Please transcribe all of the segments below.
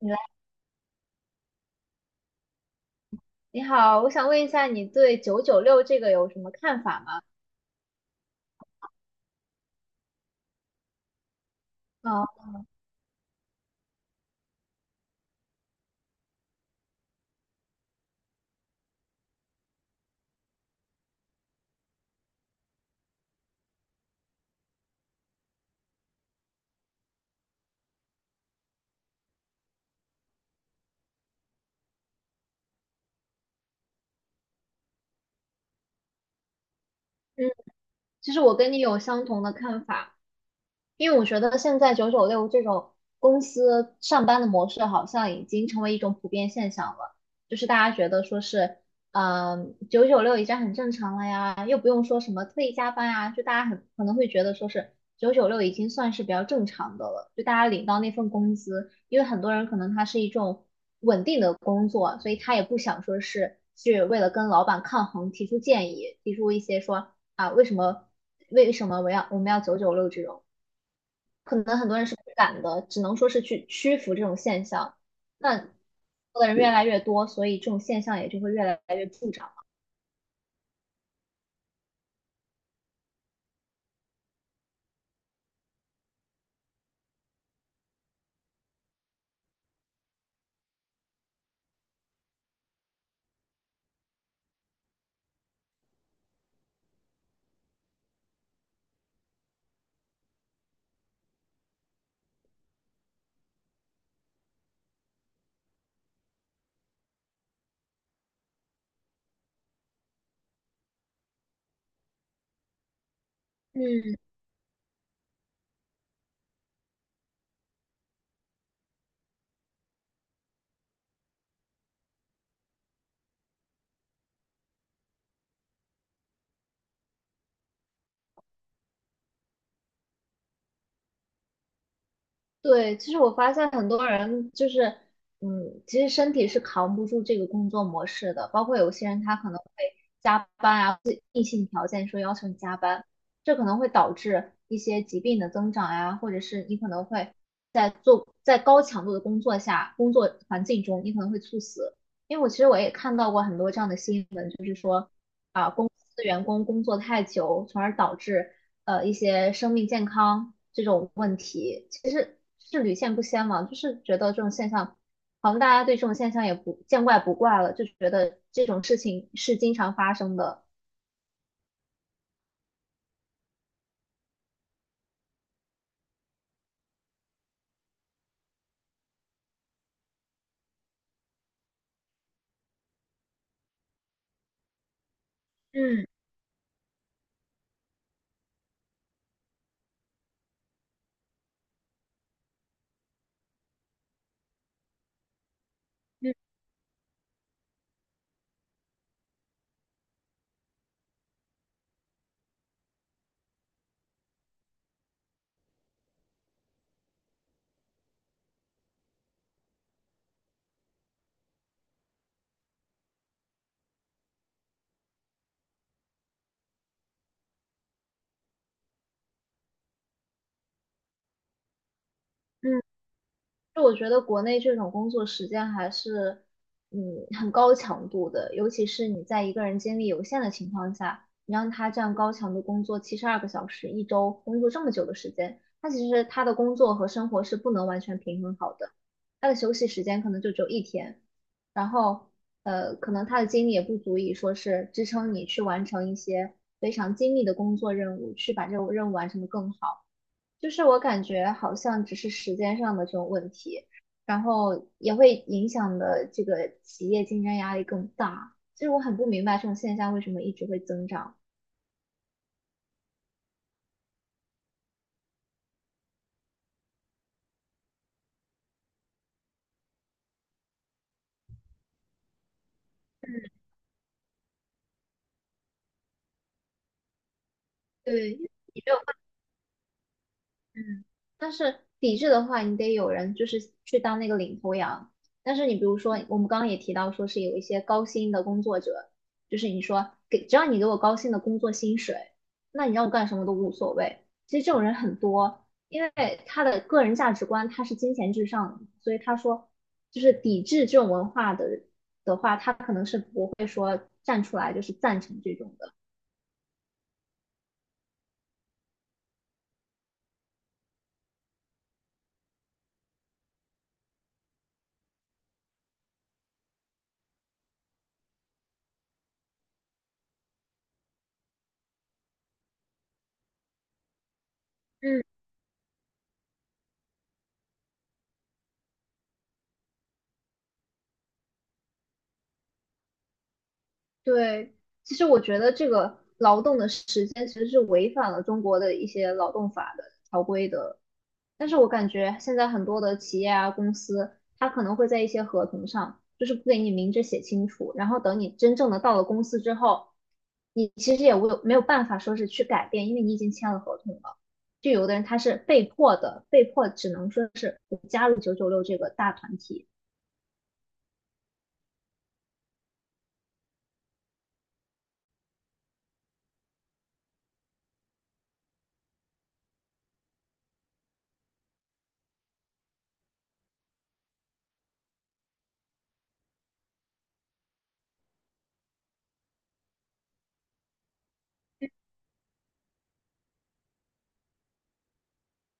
你来，你好，我想问一下，你对九九六这个有什么看法吗？啊，嗯，其实我跟你有相同的看法，因为我觉得现在九九六这种公司上班的模式好像已经成为一种普遍现象了，就是大家觉得说是，九九六已经很正常了呀，又不用说什么特意加班啊，就大家很可能会觉得说是九九六已经算是比较正常的了，就大家领到那份工资，因为很多人可能他是一种稳定的工作，所以他也不想说是去为了跟老板抗衡提出建议，提出一些说啊为什么我们要九九六这种。可能很多人是不敢的，只能说是去屈服这种现象。那做的人越来越多，所以这种现象也就会越来越助长了。嗯，对，其实我发现很多人就是，其实身体是扛不住这个工作模式的，包括有些人他可能会加班啊，或者硬性条件说要求你加班，这可能会导致一些疾病的增长呀、或者是你可能会在高强度的工作下，工作环境中你可能会猝死，因为我其实我也看到过很多这样的新闻，就是说啊，公司员工工作太久，从而导致一些生命健康这种问题，其实是屡见不鲜嘛，就是觉得这种现象，好像大家对这种现象也不见怪不怪了，就觉得这种事情是经常发生的。嗯嗯嗯，就我觉得国内这种工作时间还是，嗯，很高强度的，尤其是你在一个人精力有限的情况下，你让他这样高强度工作72个小时，一周工作这么久的时间，他其实他的工作和生活是不能完全平衡好的，他的休息时间可能就只有一天，然后，可能他的精力也不足以说是支撑你去完成一些非常精密的工作任务，去把这个任务完成的更好。就是我感觉好像只是时间上的这种问题，然后也会影响的这个企业竞争压力更大。就是我很不明白这种现象为什么一直会增长。对，你没有嗯，但是抵制的话，你得有人就是去当那个领头羊。但是你比如说，我们刚刚也提到，说是有一些高薪的工作者，就是你说给只要你给我高薪的工作薪水，那你让我干什么都无所谓。其实这种人很多，因为他的个人价值观他是金钱至上的，所以他说就是抵制这种文化的话，他可能是不会说站出来就是赞成这种的。嗯。对，其实我觉得这个劳动的时间其实是违反了中国的一些劳动法的条规的，但是我感觉现在很多的企业啊、公司，它可能会在一些合同上，就是不给你明着写清楚，然后等你真正的到了公司之后，你其实也无没有办法说是去改变，因为你已经签了合同了。就有的人他是被迫的，被迫只能说是我加入九九六这个大团体。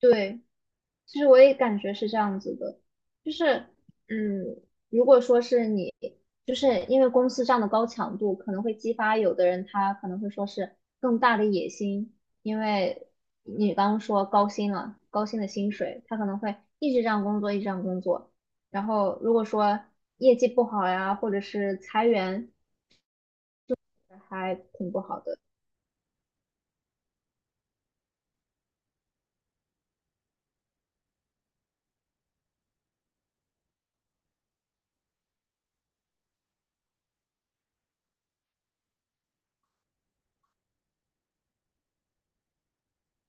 对，其实我也感觉是这样子的，就是，嗯，如果说是你，就是因为公司这样的高强度，可能会激发有的人他可能会说是更大的野心，因为你刚刚说高薪了，高薪的薪水，他可能会一直这样工作，一直这样工作，然后如果说业绩不好呀，或者是裁员，还挺不好的。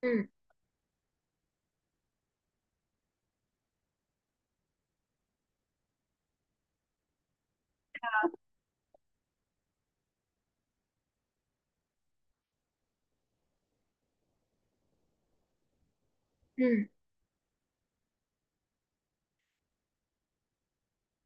嗯嗯。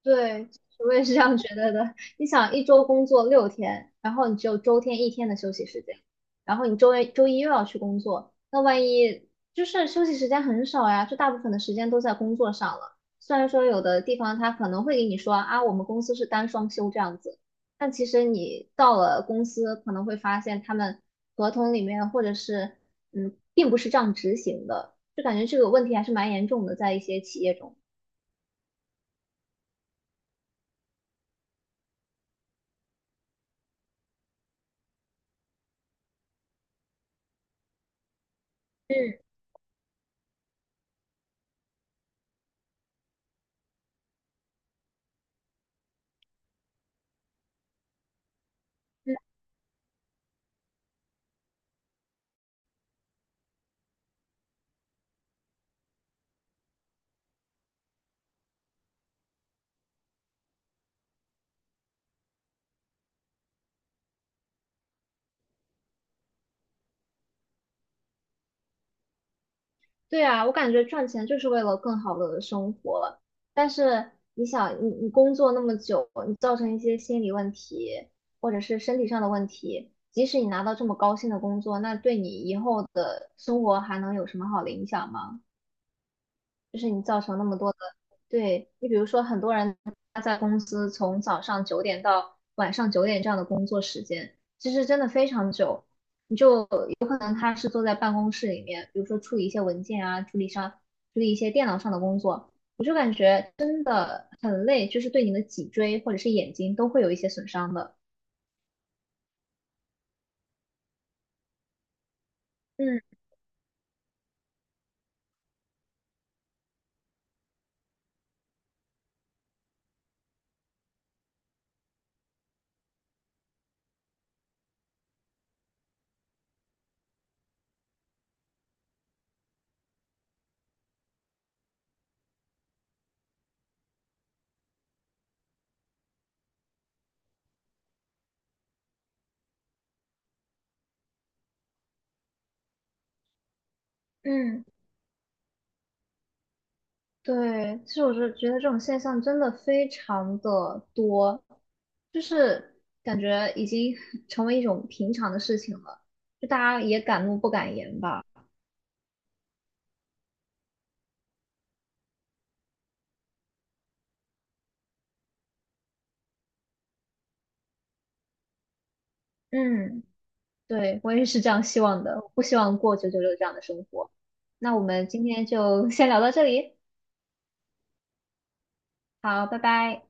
对，我也是这样觉得的。你想，一周工作6天，然后你只有周天一天的休息时间，然后你周一又要去工作，那万一就是休息时间很少呀，就大部分的时间都在工作上了。虽然说有的地方他可能会给你说啊，我们公司是单双休这样子，但其实你到了公司可能会发现他们合同里面或者是并不是这样执行的，就感觉这个问题还是蛮严重的，在一些企业中。嗯对啊，我感觉赚钱就是为了更好的生活，但是你想，你工作那么久，你造成一些心理问题或者是身体上的问题，即使你拿到这么高薪的工作，那对你以后的生活还能有什么好的影响吗？就是你造成那么多的，对，你比如说很多人他在公司从早上9点到晚上9点这样的工作时间，其实真的非常久，你就能他是坐在办公室里面，比如说处理一些文件啊，处理一些电脑上的工作，我就感觉真的很累，就是对你的脊椎或者是眼睛都会有一些损伤的。嗯嗯，对，其实我是觉得这种现象真的非常的多，就是感觉已经 成为一种平常的事情了，就大家也敢怒不敢言吧。嗯。对，我也是这样希望的，不希望过九九六这样的生活。那我们今天就先聊到这里，好，拜拜。